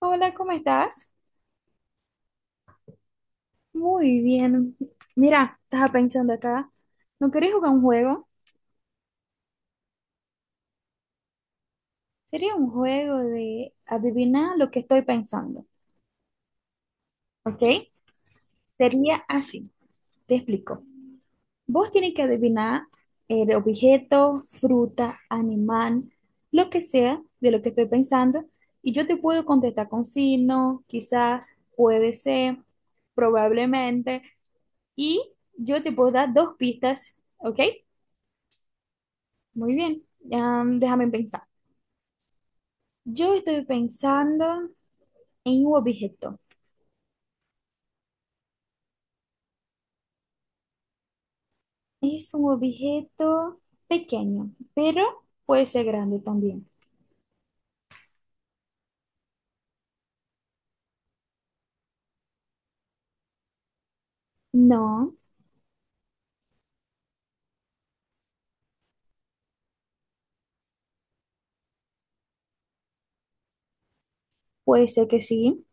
Hola, ¿cómo estás? Muy bien. Mira, estaba pensando acá. ¿No querés jugar un juego? Sería un juego de adivinar lo que estoy pensando, ¿ok? Sería así. Te explico. Vos tienes que adivinar el objeto, fruta, animal, lo que sea de lo que estoy pensando. Y yo te puedo contestar con sí, no, quizás, puede ser, probablemente. Y yo te puedo dar 2 pistas, ¿ok? Muy bien. Déjame pensar. Yo estoy pensando en un objeto. Es un objeto pequeño, pero puede ser grande también. No, puede ser que sí.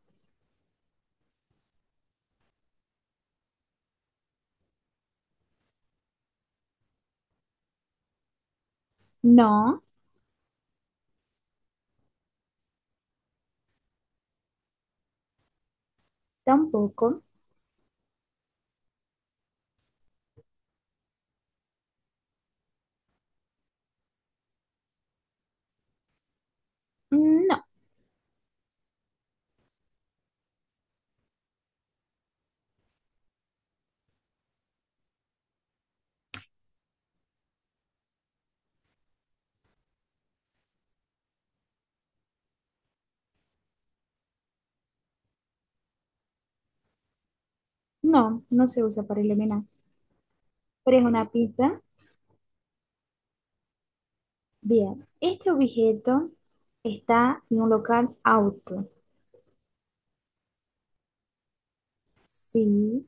No, tampoco. No, no, no se usa para eliminar. Pero es una pista. Bien, este objeto está en un local auto. Sí.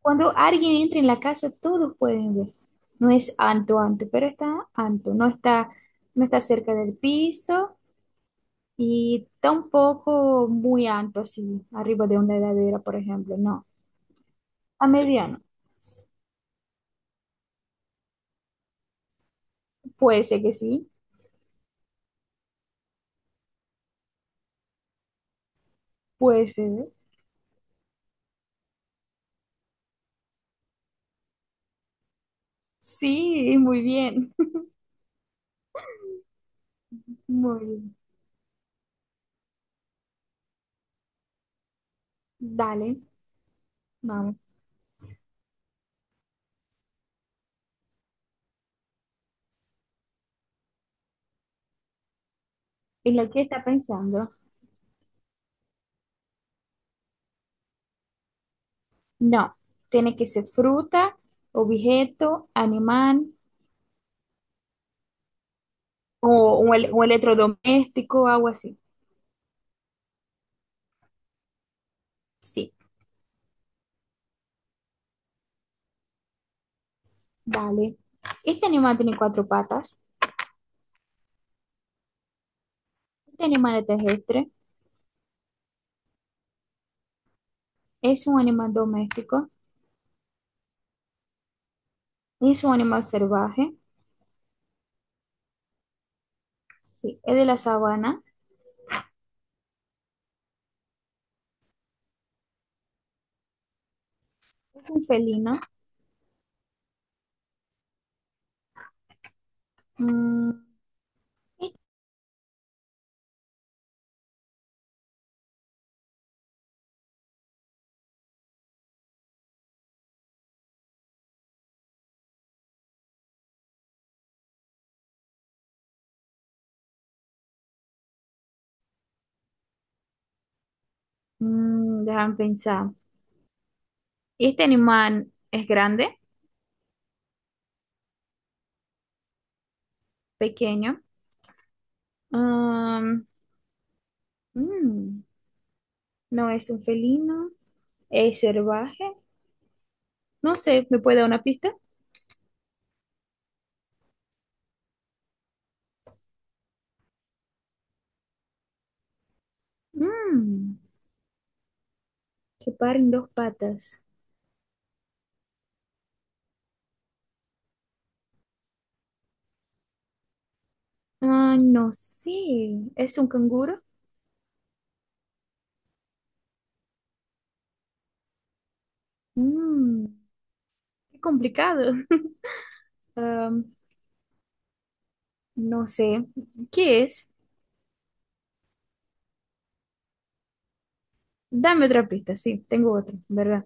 Cuando alguien entra en la casa, todos pueden ver. No es alto, alto, pero está alto. No está, no está cerca del piso y tampoco muy alto, así, arriba de una heladera, por ejemplo. No, a mediano. Puede ser que sí, puede ser. Sí, muy bien. Muy bien. Dale, vamos. ¿Y lo que está pensando? No, tiene que ser fruta, objeto, animal o un un electrodoméstico, algo así. Sí. Vale. Este animal tiene 4 patas. Este animal es terrestre. Es un animal doméstico. Es un animal salvaje. Sí, es de la sabana. Es un felino. Mm, y- Déjame pensar. Este animal es grande, pequeño. Um, mm, no es un felino. Es salvaje. No sé, ¿me puede dar una pista? Mm, que paren 2 patas. Ah, no sé. ¿Es un canguro? Mm, qué complicado. Am, no sé. ¿Qué es? Dame otra pista. Sí, tengo otra, ¿verdad?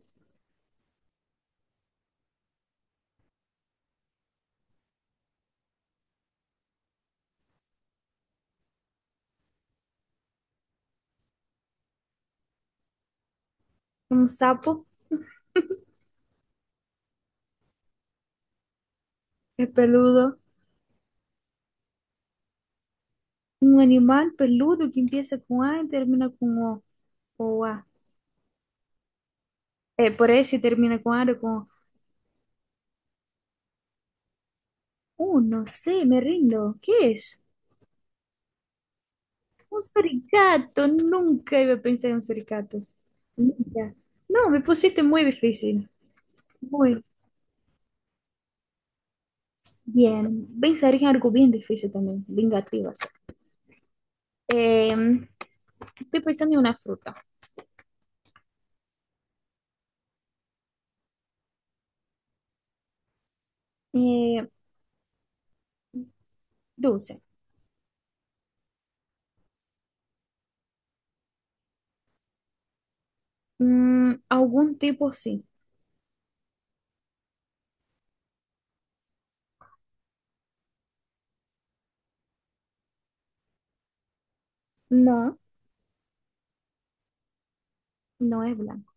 Un sapo es peludo. Un animal peludo que empieza con A y termina con O. O A. Por S y termina con A o con O. No sé, me rindo. ¿Qué es? Un suricato. Nunca iba a pensar en un suricato. Nunca. No, me pusiste muy difícil. Muy bien. Pensar en algo bien difícil también. Vingativas. Eh, Estoy pensando en una fruta. Eh, dulce. Mm, algún tipo sí. No, no es blanco.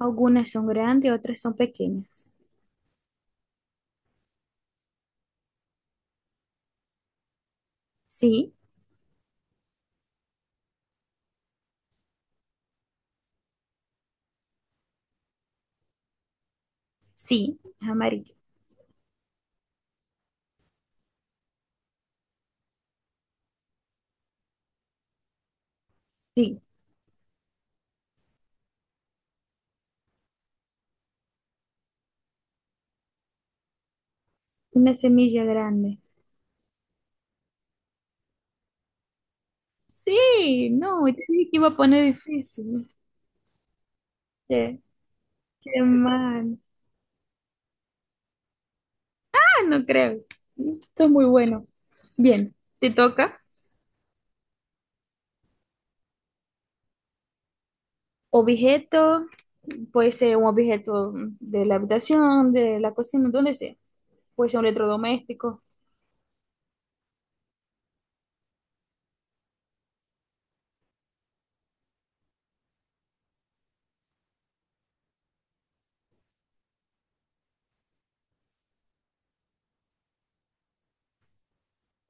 Algunas son grandes, otras son pequeñas. Sí, sí, es amarillo. Sí, una semilla grande. Sí, no, te dije que iba a poner difícil. Qué, qué mal. Ah, no creo. Esto es muy bueno. Bien, te toca. Objeto, puede ser un objeto de la habitación, de la cocina, donde sea. Pues un electrodoméstico.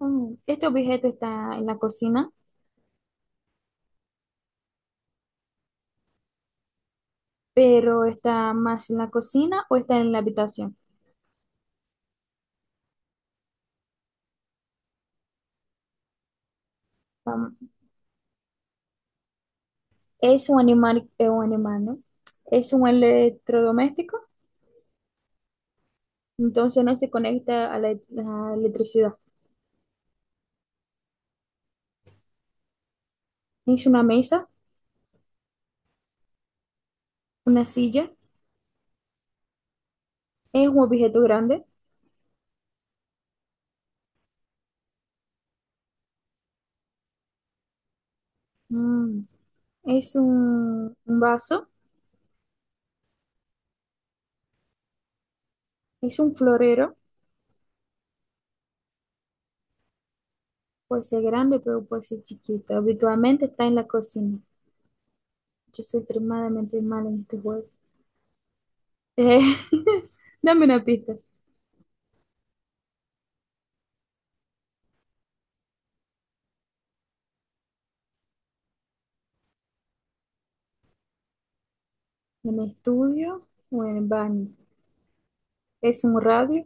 Mm, este objeto está en la cocina, pero está más en la cocina o está en la habitación. Vamos, es un animal, es un animal, ¿no? Es un electrodoméstico, entonces no se conecta a la electricidad. Es una mesa, una silla, es un objeto grande, mm, es un vaso, es un florero, puede ser grande, pero puede ser chiquito. Habitualmente está en la cocina. Yo soy extremadamente mala en este juego. Eh, dame una pista. ¿En estudio o en baño? ¿Es un radio?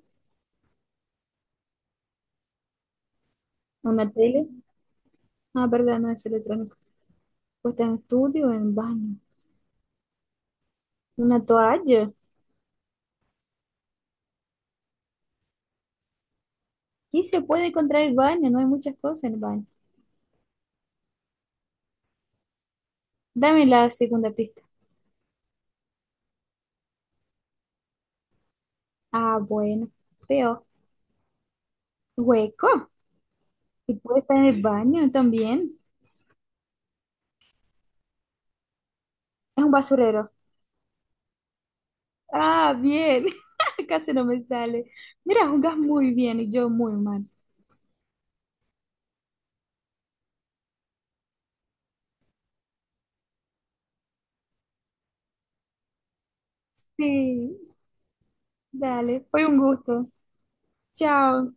¿Una tele? Ah, verdad, no es electrónico. Pues está en estudio o en baño. ¿Una toalla? ¿Qué se puede encontrar en el baño? No hay muchas cosas en el baño. Dame la segunda pista. Ah, bueno. Peor. ¿Hueco? ¿Y puede estar en el baño también? Es un basurero. Ah, bien. Casi no me sale. Mira, jugás muy bien y yo muy mal. Sí, dale. Fue un gusto. Chao.